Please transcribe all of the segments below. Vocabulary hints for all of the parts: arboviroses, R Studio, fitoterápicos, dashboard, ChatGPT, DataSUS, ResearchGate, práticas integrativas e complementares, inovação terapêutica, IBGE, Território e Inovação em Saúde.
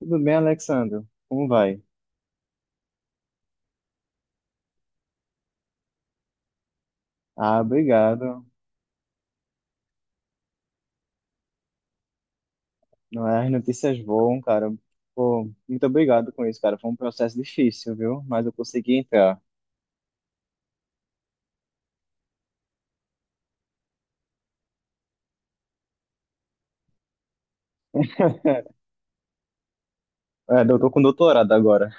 Tudo bem, Alexandre? Como vai? Ah, obrigado. Não é, as notícias voam, cara. Pô, muito obrigado com isso, cara. Foi um processo difícil, viu? Mas eu consegui entrar. É, eu tô com doutorado agora.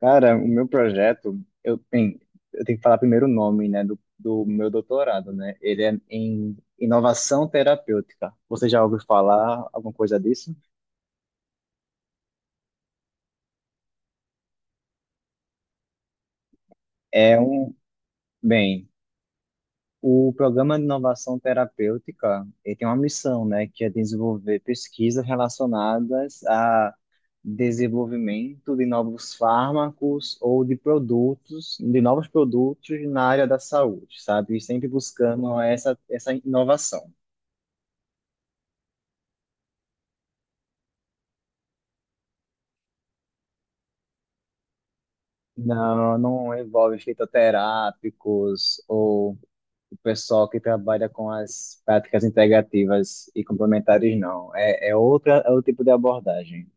Cara, o meu projeto, eu, bem, eu tenho que falar primeiro o nome, né, do meu doutorado, né? Ele é em inovação terapêutica. Você já ouviu falar alguma coisa disso? É um, bem, o programa de inovação terapêutica, ele tem uma missão, né, que é desenvolver pesquisas relacionadas a desenvolvimento de novos fármacos ou de produtos, de novos produtos na área da saúde, sabe? E sempre buscando essa inovação. Não, não envolve fitoterápicos ou o pessoal que trabalha com as práticas integrativas e complementares, não. É, é outra, é outro tipo de abordagem.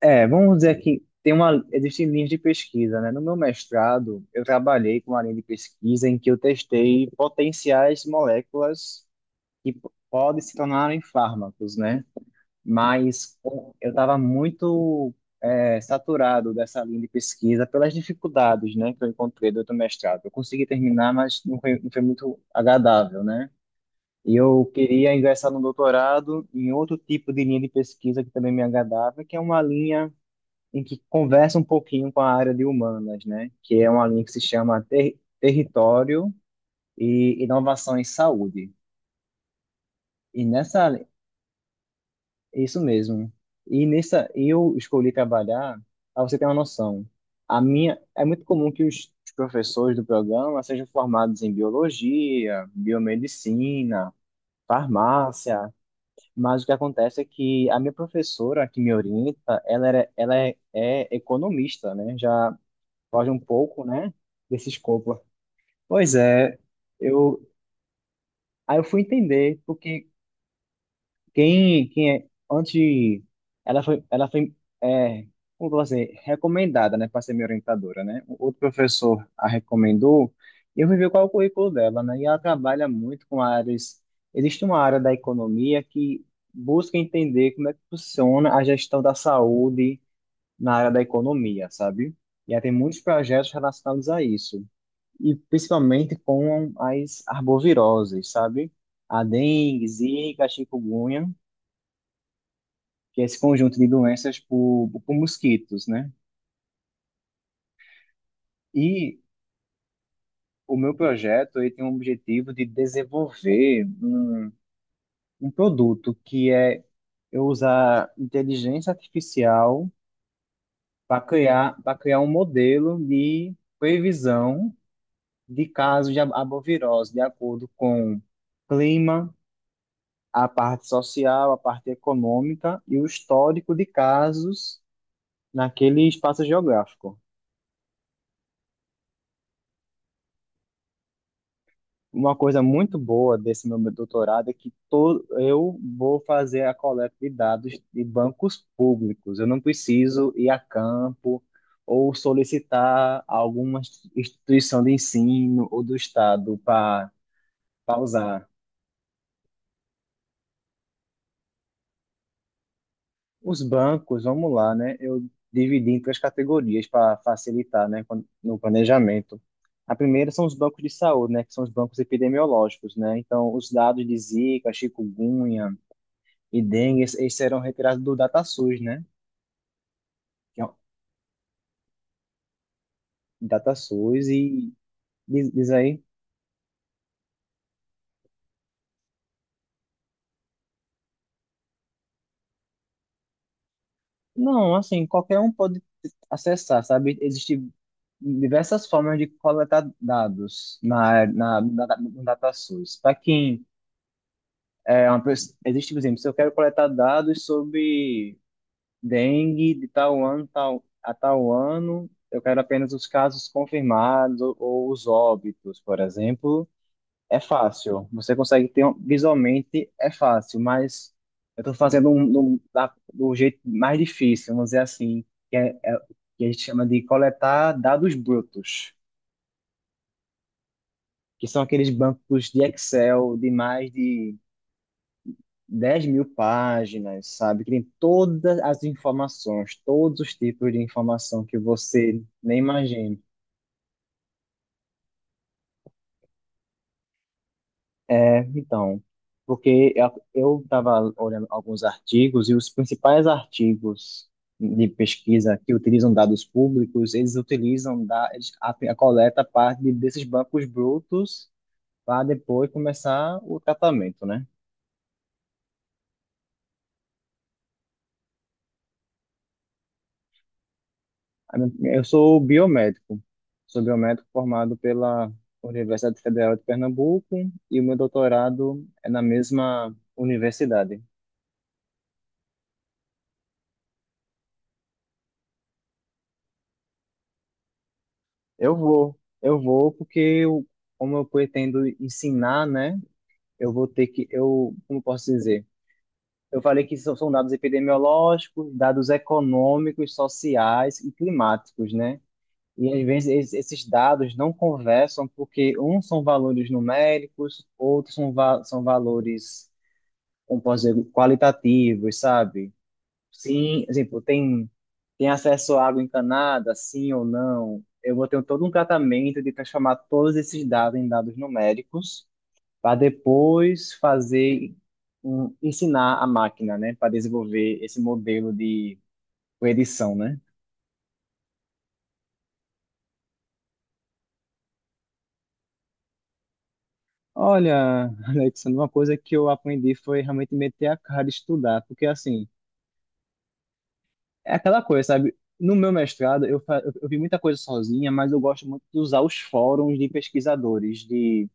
É, vamos dizer que tem uma, existem linhas de pesquisa, né? No meu mestrado, eu trabalhei com uma linha de pesquisa em que eu testei potenciais moléculas podem se tornarem fármacos, né? Eu estava muito saturado dessa linha de pesquisa pelas dificuldades, né, que eu encontrei durante o mestrado. Eu consegui terminar, mas não foi muito agradável, né? E eu queria ingressar no doutorado em outro tipo de linha de pesquisa que também me agradava, que é uma linha em que conversa um pouquinho com a área de humanas, né? Que é uma linha que se chama Território e Inovação em Saúde. E nessa, li- isso mesmo. E nessa, e eu escolhi trabalhar, para você ter uma noção. A minha, é muito comum que os professores do programa sejam formados em biologia, biomedicina, farmácia, mas o que acontece é que a minha professora que me orienta, ela é, é economista, né? Já foge um pouco, né, desse escopo. Pois é, eu aí eu fui entender porque quem é antes ela foi é, como que eu vou dizer, recomendada, né, para ser minha orientadora, né? O outro professor a recomendou e eu fui ver qual é o currículo dela, né? E ela trabalha muito com áreas, existe uma área da economia que busca entender como é que funciona a gestão da saúde na área da economia, sabe? E ela tem muitos projetos relacionados a isso. E principalmente com as arboviroses, sabe? A dengue, zika, chikungunya, que é esse conjunto de doenças por mosquitos, né? E o meu projeto ele tem o objetivo de desenvolver um, um produto que é eu usar inteligência artificial para criar um modelo de previsão de casos de arbovirose de acordo com clima, a parte social, a parte econômica e o histórico de casos naquele espaço geográfico. Uma coisa muito boa desse meu doutorado é que eu vou fazer a coleta de dados de bancos públicos. Eu não preciso ir a campo ou solicitar alguma instituição de ensino ou do Estado para pausar. Os bancos, vamos lá, né? Eu dividi em três categorias para facilitar, né, no planejamento. A primeira são os bancos de saúde, né, que são os bancos epidemiológicos, né? Então, os dados de Zika, chikungunya e dengue, esses serão retirados do DataSUS, né? Que é o DataSUS e diz aí, não, assim, qualquer um pode acessar, sabe? Existem diversas formas de coletar dados no DataSUS. Para quem é uma, existe, por exemplo, se eu quero coletar dados sobre dengue de tal ano tal, a tal ano, eu quero apenas os casos confirmados ou os óbitos, por exemplo, é fácil. Você consegue visualmente, é fácil, mas eu estou fazendo do jeito mais difícil, vamos dizer assim, que a gente chama de coletar dados brutos, que são aqueles bancos de Excel de mais de 10 mil páginas, sabe? Que tem todas as informações, todos os tipos de informação que você nem imagina. É, então, porque eu estava olhando alguns artigos e os principais artigos de pesquisa que utilizam dados públicos, eles utilizam da, eles, a coleta parte desses bancos brutos para depois começar o tratamento, né? Eu sou biomédico. Sou biomédico formado pela Universidade Federal de Pernambuco e o meu doutorado é na mesma universidade. Eu vou porque eu, como eu pretendo ensinar, né? Eu vou ter que, eu, como eu posso dizer? Eu falei que são dados epidemiológicos, dados econômicos, sociais e climáticos, né? E às vezes esses dados não conversam porque uns são valores numéricos, outros são, são valores, como posso dizer, qualitativos, sabe? Sim, exemplo, tem, tem acesso à água encanada, sim ou não? Eu vou ter todo um tratamento de transformar todos esses dados em dados numéricos para depois fazer, um, ensinar a máquina, né, para desenvolver esse modelo de predição, né? Olha, Alexandre, uma coisa que eu aprendi foi realmente meter a cara de estudar, porque assim, é aquela coisa, sabe? No meu mestrado, eu vi muita coisa sozinha, mas eu gosto muito de usar os fóruns de pesquisadores, de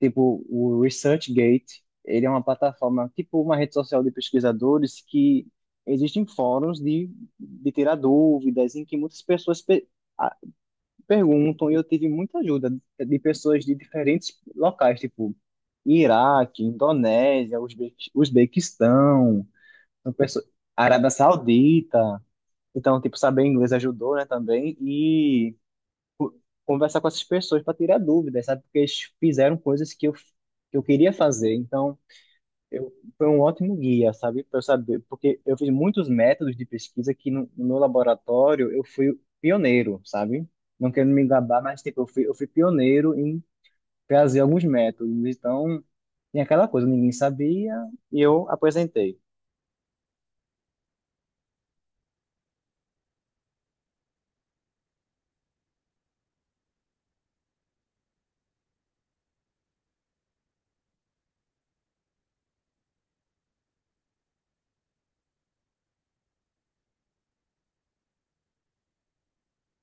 tipo o ResearchGate. Ele é uma plataforma, tipo uma rede social de pesquisadores que existem fóruns de tirar dúvidas, em que muitas pessoas a- perguntam, e eu tive muita ajuda de pessoas de diferentes locais, tipo Iraque, Indonésia, Uzbequistão, são Arábia Saudita. Então, tipo, saber inglês ajudou, né, também. E co- conversar com essas pessoas para tirar dúvidas, sabe? Porque eles fizeram coisas que eu queria fazer. Então, eu, foi um ótimo guia, sabe? Para eu saber. Porque eu fiz muitos métodos de pesquisa que no meu laboratório eu fui pioneiro, sabe? Não quero me gabar, mas, tipo, eu fui pioneiro em trazer alguns métodos. Então, tem aquela coisa, ninguém sabia e eu apresentei.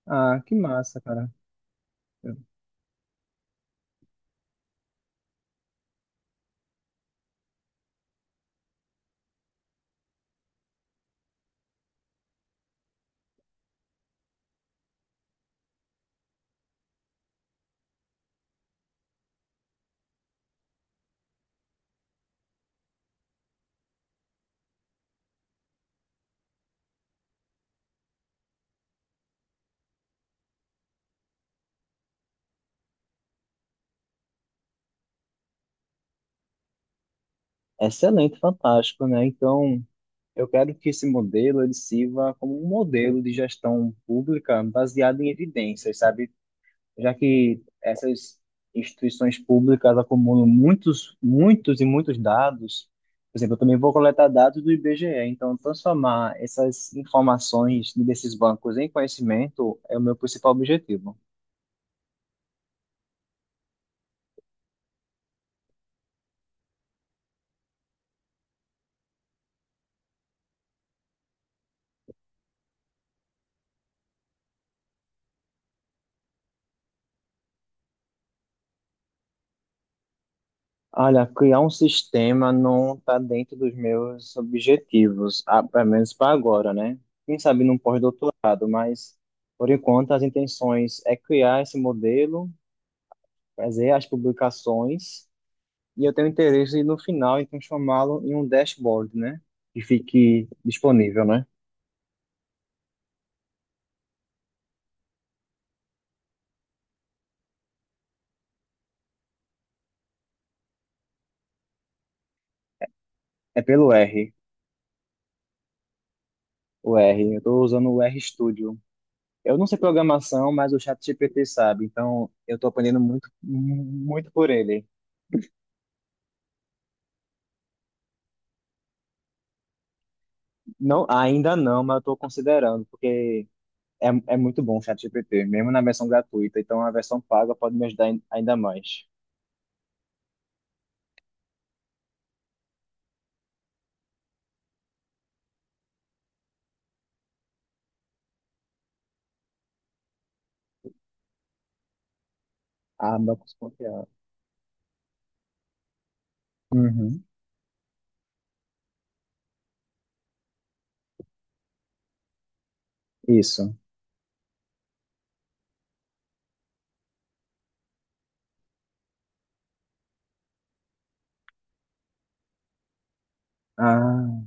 Ah, que massa, cara. Excelente, fantástico, né? Então, eu quero que esse modelo ele sirva como um modelo de gestão pública baseado em evidências, sabe? Já que essas instituições públicas acumulam muitos e muitos dados. Por exemplo, eu também vou coletar dados do IBGE, então transformar essas informações desses bancos em conhecimento é o meu principal objetivo. Olha, criar um sistema não está dentro dos meus objetivos, ah, pelo menos para agora, né? Quem sabe num pós-doutorado, mas por enquanto as intenções é criar esse modelo, fazer as publicações, e eu tenho interesse no final em transformá-lo em um dashboard, né? Que fique disponível, né? É pelo R, o R. Eu estou usando o R Studio. Eu não sei programação, mas o ChatGPT sabe, então eu estou aprendendo muito, muito por ele. Não, ainda não, mas eu estou considerando, porque é muito bom o ChatGPT, mesmo na versão gratuita, então a versão paga pode me ajudar ainda mais. Ah, não dá confiar. Uhum, isso. Ah,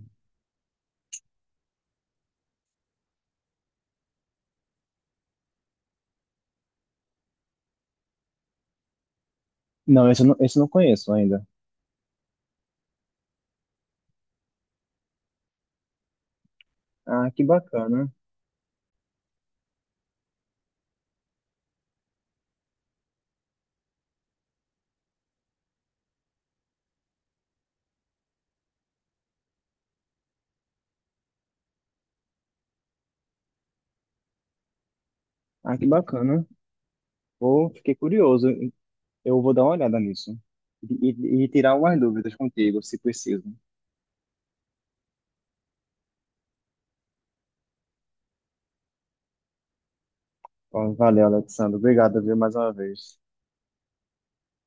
não, esse eu não conheço ainda. Ah, que bacana. Ah, que bacana. Vou, fiquei curioso. Eu vou dar uma olhada nisso e tirar umas dúvidas contigo, se preciso. Bom, valeu, Alexandre. Obrigado, viu, mais uma vez.